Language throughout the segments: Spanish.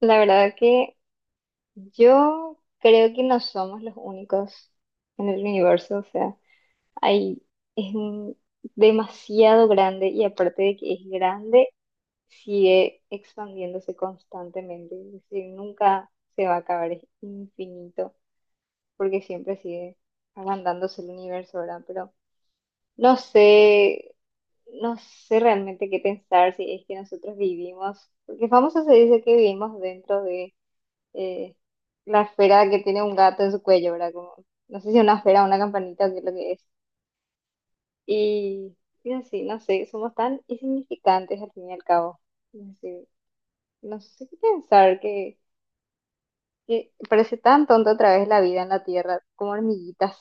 La verdad que yo creo que no somos los únicos en el universo, o sea, hay, es un- demasiado grande y aparte de que es grande, sigue expandiéndose constantemente, es decir, nunca se va a acabar, es infinito, porque siempre sigue agrandándose el universo, ¿verdad? Pero no sé, no sé realmente qué pensar si es que nosotros vivimos, porque famoso se dice que vivimos dentro de eh, la esfera que tiene un gato en su cuello, ¿verdad? Como, no sé si una esfera o una campanita o qué es lo que es. Y, y así, no sé, somos tan insignificantes al fin y al cabo. No sé, no sé qué pensar, que parece tan tonto otra vez la vida en la Tierra, como hormiguitas.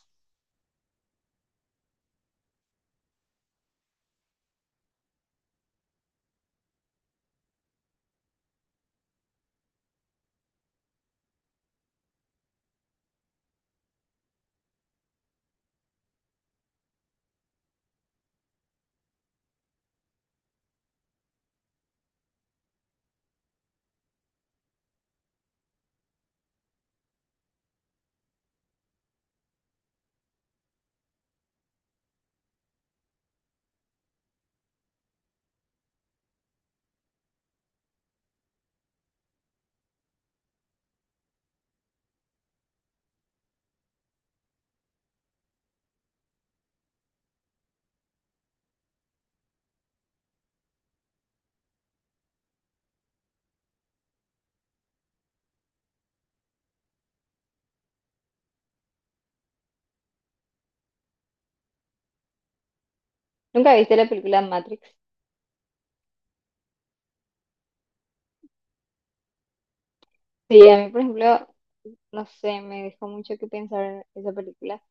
¿Nunca viste la película Matrix? Sí, a mí, por ejemplo, no sé, me dejó mucho que pensar esa película.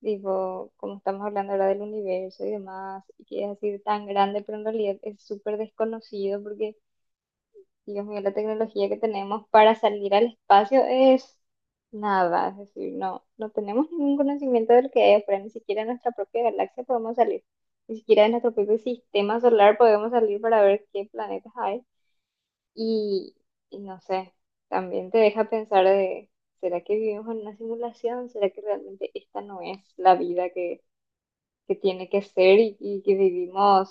Digo, como estamos hablando ahora del universo y demás, y que es así tan grande, pero en realidad es súper desconocido porque Dios mío, la tecnología que tenemos para salir al espacio es nada, es decir, no tenemos ningún conocimiento de lo que hay afuera, ni siquiera en nuestra propia galaxia podemos salir, ni siquiera en nuestro propio sistema solar podemos salir para ver qué planetas hay. Y, y no sé, también te deja pensar de, ¿será que vivimos en una simulación? ¿Será que realmente esta no es la vida que tiene que ser y que vivimos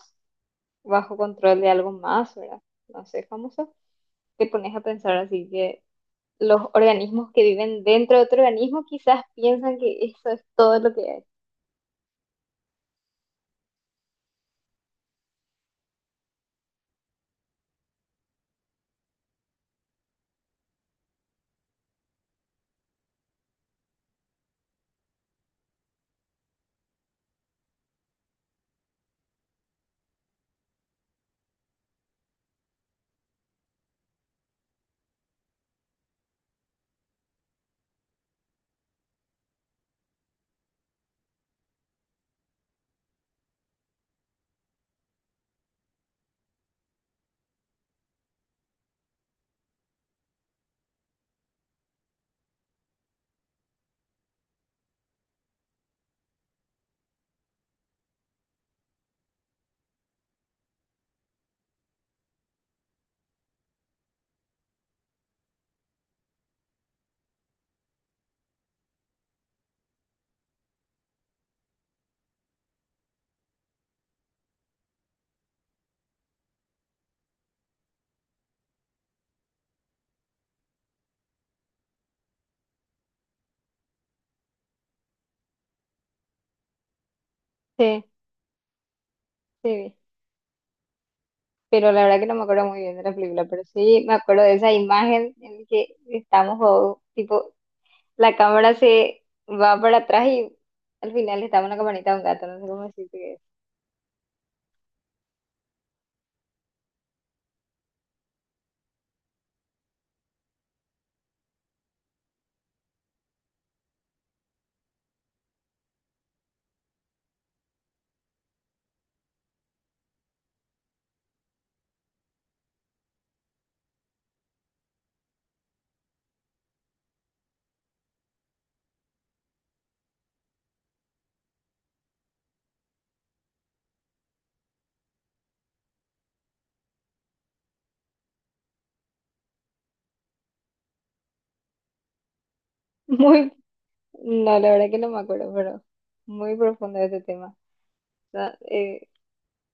bajo control de algo más, ¿verdad? No sé, famoso te pones a pensar así que los organismos que viven dentro de otro organismo quizás piensan que eso es todo lo que hay. Sí, sí. Pero la verdad que no me acuerdo muy bien de la película, pero sí me acuerdo de esa imagen en que estamos, o, tipo, la cámara se va para atrás y al final estaba una campanita de un gato, no sé cómo decirte que es. Muy, no, la verdad que no me acuerdo, pero muy profundo ese tema. No,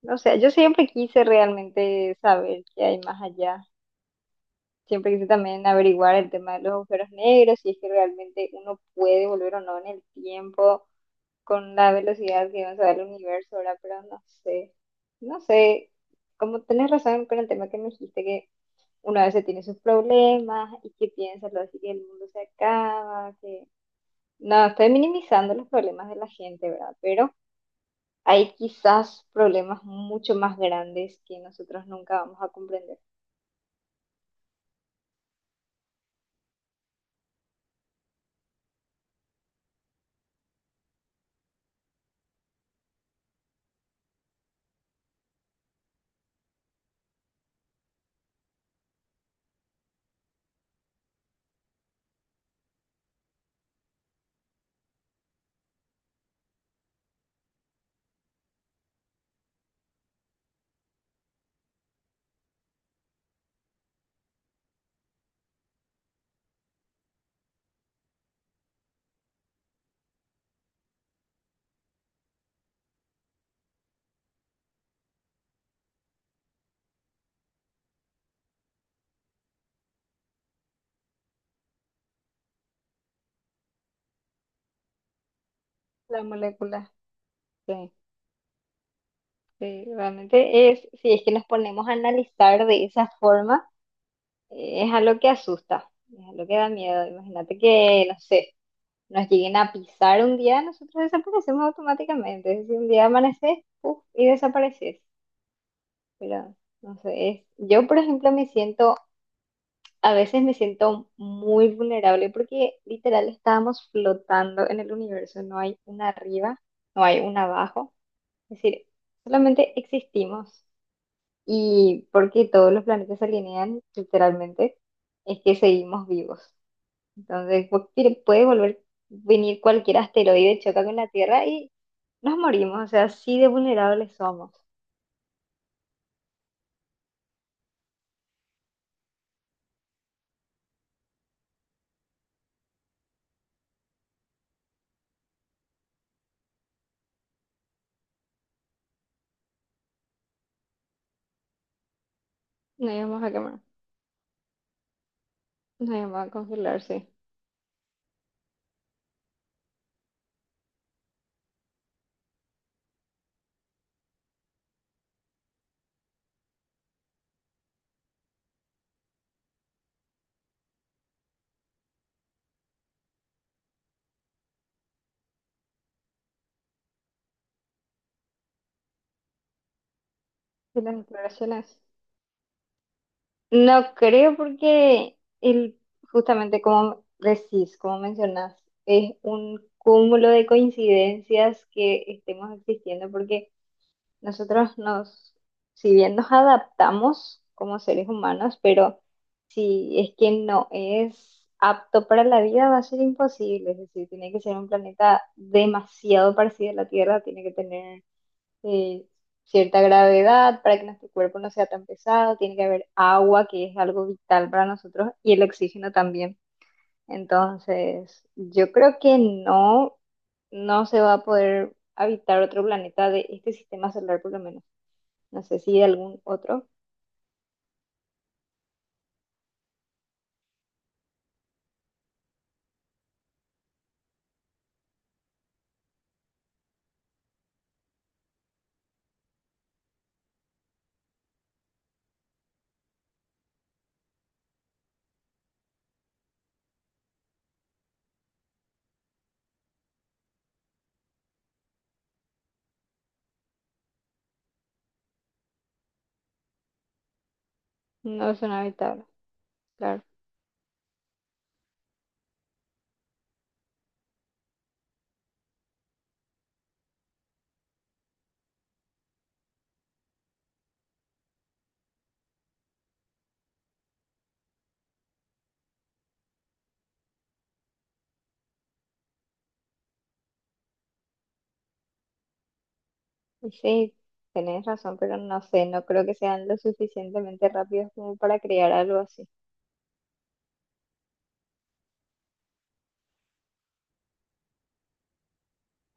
no sé, yo siempre quise realmente saber qué hay más allá, siempre quise también averiguar el tema de los agujeros negros, si es que realmente uno puede volver o no en el tiempo con la velocidad que avanza el universo ahora, pero no sé, no sé, como tenés razón con el tema que me dijiste que uno a veces tiene sus problemas y que piensa lo así que el mundo se acaba, que no, estoy minimizando los problemas de la gente, ¿verdad? Pero hay quizás problemas mucho más grandes que nosotros nunca vamos a comprender. La molécula. Sí. Sí, realmente es, si es que nos ponemos a analizar de esa forma, es algo que asusta, es algo que da miedo. Imagínate que, no sé, nos lleguen a pisar un día, nosotros desaparecemos automáticamente. Si un día amaneces, puf, y desapareces. Pero, no sé, es- yo, por ejemplo, me siento, a veces me siento muy vulnerable porque literal estábamos flotando en el universo, no hay una arriba, no hay un abajo. Es decir, solamente existimos. Y porque todos los planetas se alinean, literalmente, es que seguimos vivos. Entonces, puede volver, venir cualquier asteroide, choca con la Tierra y nos morimos. O sea, así de vulnerables somos. Nos íbamos a quemar, nos íbamos a congelar, sí. ¿Y las exploraciones? No creo porque el, justamente como decís, como mencionás, es un cúmulo de coincidencias que estemos existiendo porque nosotros nos, si bien nos adaptamos como seres humanos, pero si es que no es apto para la vida, va a ser imposible. Es decir, tiene que ser un planeta demasiado parecido a la Tierra, tiene que tener eh, cierta gravedad para que nuestro cuerpo no sea tan pesado, tiene que haber agua, que es algo vital para nosotros, y el oxígeno también. Entonces, yo creo que no, no se va a poder habitar otro planeta de este sistema solar, por lo menos. No sé si algún otro. No es una habitable, claro. Y sí, tenés razón, pero no sé, no creo que sean lo suficientemente rápidos como para crear algo así.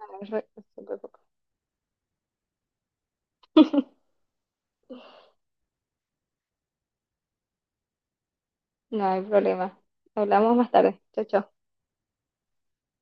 A ver, re- súper poco. No hay problema. Hablamos más tarde. Chao, chao.